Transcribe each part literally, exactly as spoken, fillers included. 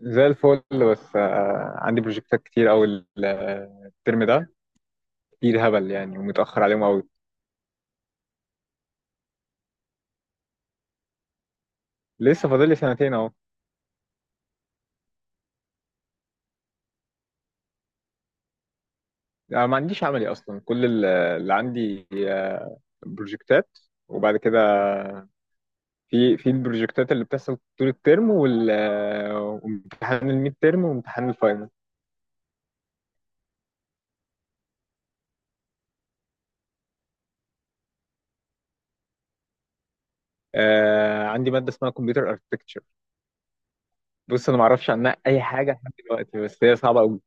زي الفل. بس آه، عندي بروجكتات كتير أوي، ال- آه، الترم ده كتير هبل يعني، ومتأخر عليهم أوي. لسه فاضل لي سنتين أهو. أنا ما عنديش عملي أصلا. كل ال- اللي عندي آه، بروجكتات، وبعد كده في في البروجكتات اللي بتحصل طول الترم، وال آه، وامتحان الميد ترم وامتحان الفاينل. آه، عندي مادة اسمها كمبيوتر اركتكتشر. بص، أنا ما أعرفش عنها أي حاجة لحد دلوقتي، بس هي صعبة أوي.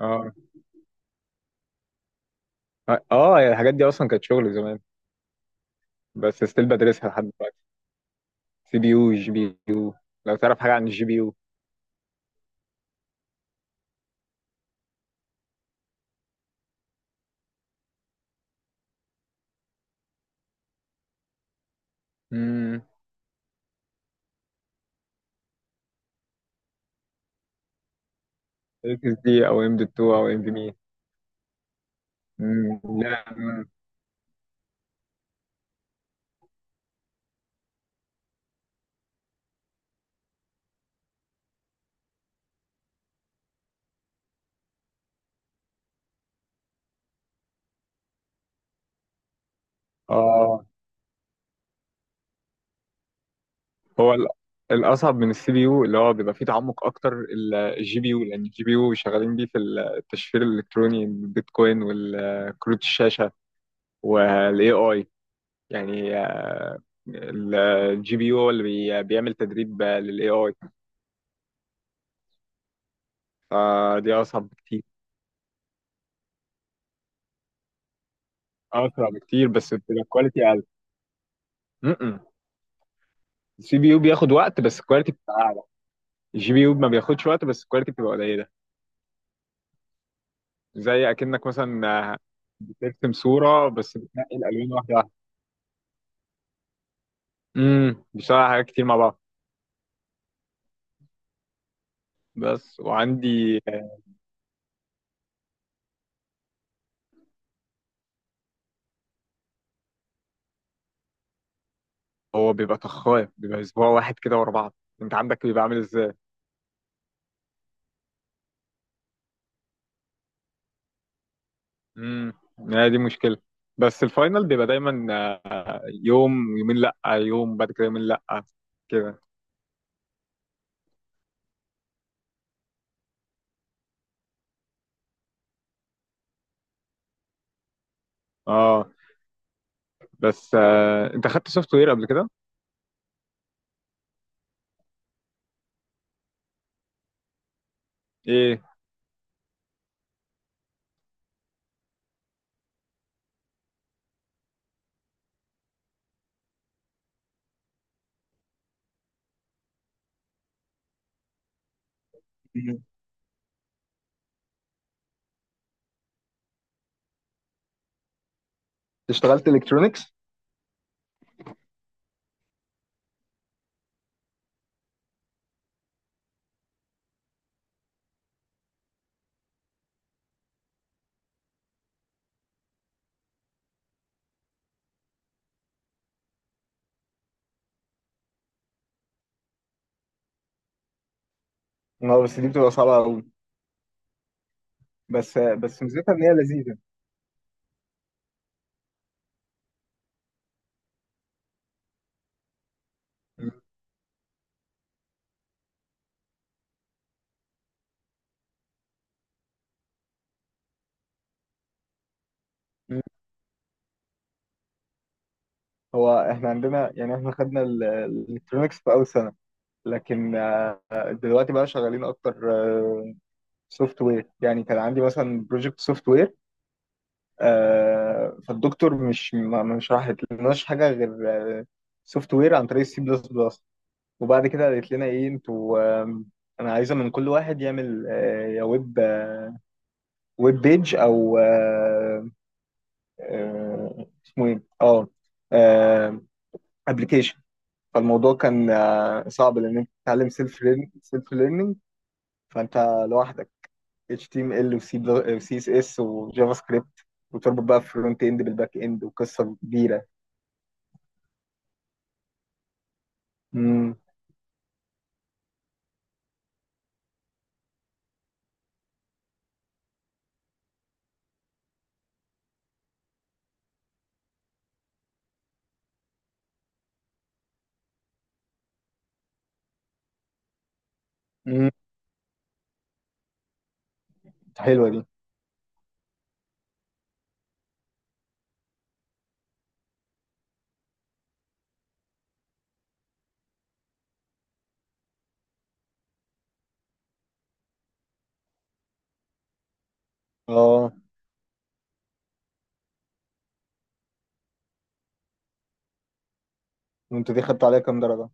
اه، اه، الحاجات دي أصلا كانت شغل زمان، بس ستيل بدرسها لحد. سي بي يو، جي بي يو. لو تعرف حاجة عن الجي بي يو. امم اكس دي او ام دوت اتنين او ام في مي. امم لا. مم. اه. هو ال- الاصعب من السي بي يو اللي هو بيبقى فيه تعمق اكتر، الجي بي يو، لان الجي بي يو شغالين بيه في التشفير الالكتروني، البيتكوين، والكروت الشاشة، والاي اي، يعني آه، الجي بي يو هو اللي بي- بيعمل تدريب للاي اي. فدي اصعب بكتير. اسرع بكتير، بس بتبقى كواليتي اقل. م-م. السي بي يو بياخد وقت، بس الكواليتي بتبقى اعلى. الجي بي يو ما بياخدش وقت، بس الكواليتي بتبقى قليله. زي اكنك مثلا، آه، بترسم صوره بس بتنقي الالوان واحده واحده. امم بيشتغل على حاجات كتير مع بعض. بس، وعندي. هو بيبقى طخاف، بيبقى اسبوع واحد كده ورا بعض. انت عندك بيبقى عامل ازاي؟ امم هي دي مشكله. بس الفاينل بيبقى دايما آه، يوم، يومين، لا يوم بعد كده، يومين، لا، كده. اه. بس آه، انت خدت سوفت وير قبل كده؟ ايه؟ اشتغلت الكترونكس؟ اه، بس دي بتبقى صعبة أوي. بس بس ميزتها ان هي لذيذه. مم. مم. هو احنا عندنا، يعني احنا خدنا الالكترونكس في اول سنه، لكن آه، دلوقتي بقى شغالين اكتر سوفت وير. يعني كان عندي مثلا بروجكت سوفت وير، فالدكتور مش ما ما شرحت لناش حاجه غير سوفت وير عن طريق السي بلس بلس. وبعد كده قالت لنا: ايه انتوا، آه، انا عايزه من كل واحد يعمل، آه، يا ويب، ويب بيج، او آه، آه، اسمه ايه، اه آه، ابلكيشن. فالموضوع كان آه، صعب، لان انت بتتعلم سيلف سيلف ليرنينج. فانت لوحدك: H T M L و سي و C S S وجافا سكريبت، وتربط بقى فرونت اند بالباك اند، وقصه كبيره. امم. امم حلوه دي. اه، وانت دي خدت عليها كام درجه؟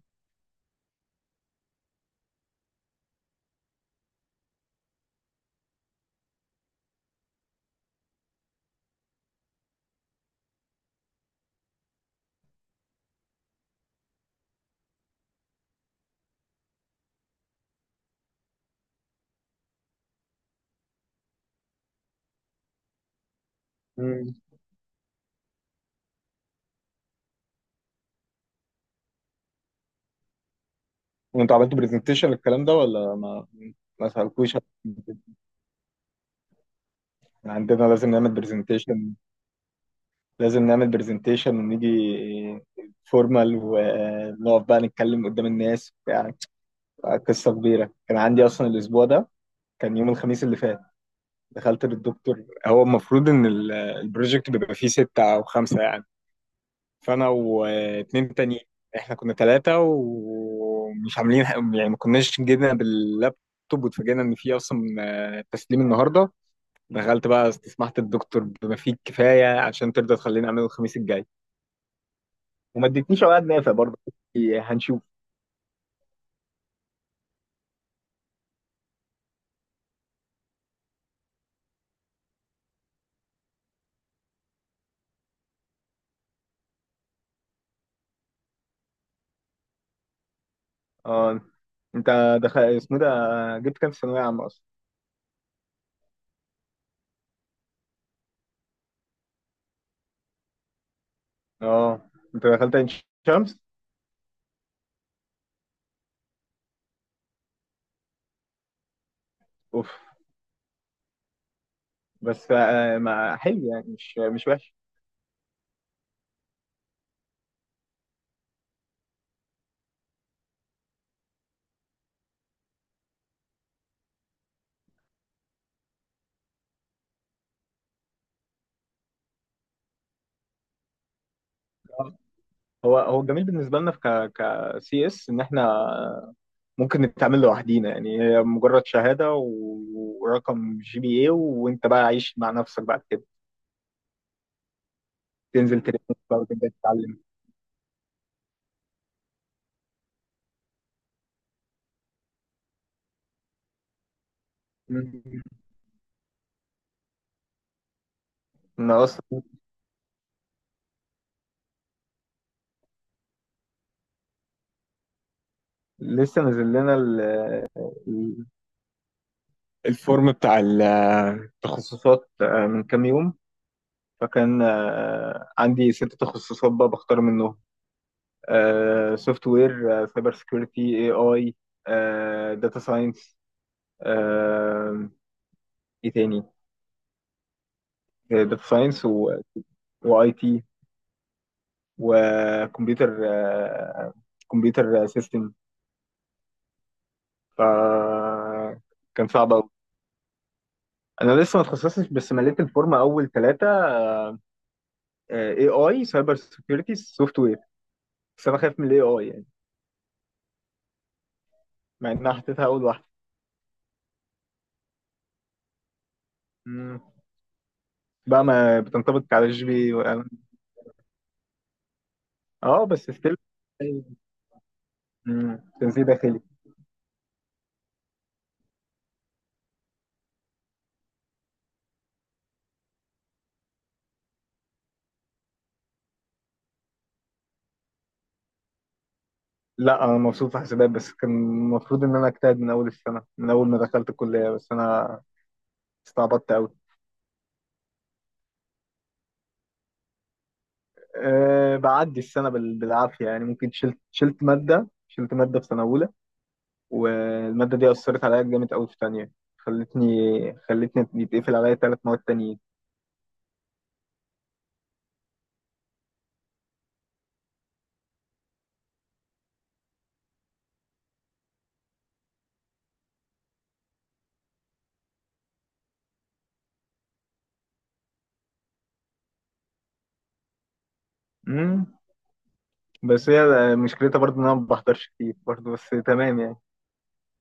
امم. وانت عملت برزنتيشن للكلام ده، ولا ما— ما سالكوش؟ عندنا لازم نعمل برزنتيشن. لازم نعمل برزنتيشن ونيجي فورمال، ونقف بقى نتكلم قدام الناس وبتاع. قصة كبيرة كان عندي أصلا الأسبوع ده، كان يوم الخميس اللي فات. دخلت للدكتور، هو المفروض إن ال- البروجكت بيبقى فيه ستة أو خمسة يعني، فأنا واتنين تانيين، إحنا كنا تلاتة، ومش عاملين ح- يعني، ما كناش جينا باللابتوب، واتفاجئنا إن فيه أصلا آه، تسليم النهاردة. دخلت بقى استسمحت الدكتور بما فيه الكفاية عشان ترضى تخليني أعمله الخميس الجاي، وما ادتنيش أوقات نافع برضه. هنشوف. آه، أنت دخل اسمه ده، جبت كام في ثانوية عامة أصلا؟ اه، انت دخلت عين شمس؟ اوف. بس آه، ما حلو يعني، مش مش وحش. آه، هو هو الجميل بالنسبه لنا في ك ك سي اس ان احنا ممكن نتعامل لوحدينا، يعني هي مجرد شهاده و- ورقم جي بي اي، وانت بقى عايش مع نفسك بعد كده. تنزل تريننج بقى وتبدا تتعلم. مم. انا اصلا لسه نازل لنا ال- ال- الفورم بتاع ال- التخصصات آه، من كام يوم، فكان آه، عندي ست تخصصات بقى بختار منهم: سوفت وير، سايبر سكيورتي، اي اي، داتا ساينس. ايه تاني؟ داتا ساينس، واي تي، وكمبيوتر كمبيوتر سيستم. ف كان صعب قوي. انا لسه ما اتخصصتش، بس مليت الفورمه اول ثلاثه: اي اي، سايبر سكيورتي، سوفت وير. بس انا خايف من الاي اي يعني، مع انها حطيتها اول واحده. مم. بقى ما بتنطبق على الجي بي و- اه، بس ستيل، تنسيق داخلي. لا، انا مبسوط في حسابات، بس كان المفروض ان انا اجتهد من اول السنه، من اول ما دخلت الكليه، بس انا استعبطت قوي. أه، بعدي السنه بال- بالعافيه يعني، ممكن شلت شلت ماده شلت ماده في سنه اولى، والماده دي اثرت عليا جامد قوي في ثانيه، خلتني خلتني يتقفل عليا ثلاث مواد تانيين. مم. بس هي مشكلتها برضو ان انا ما بحضرش كتير برضو، بس تمام يعني.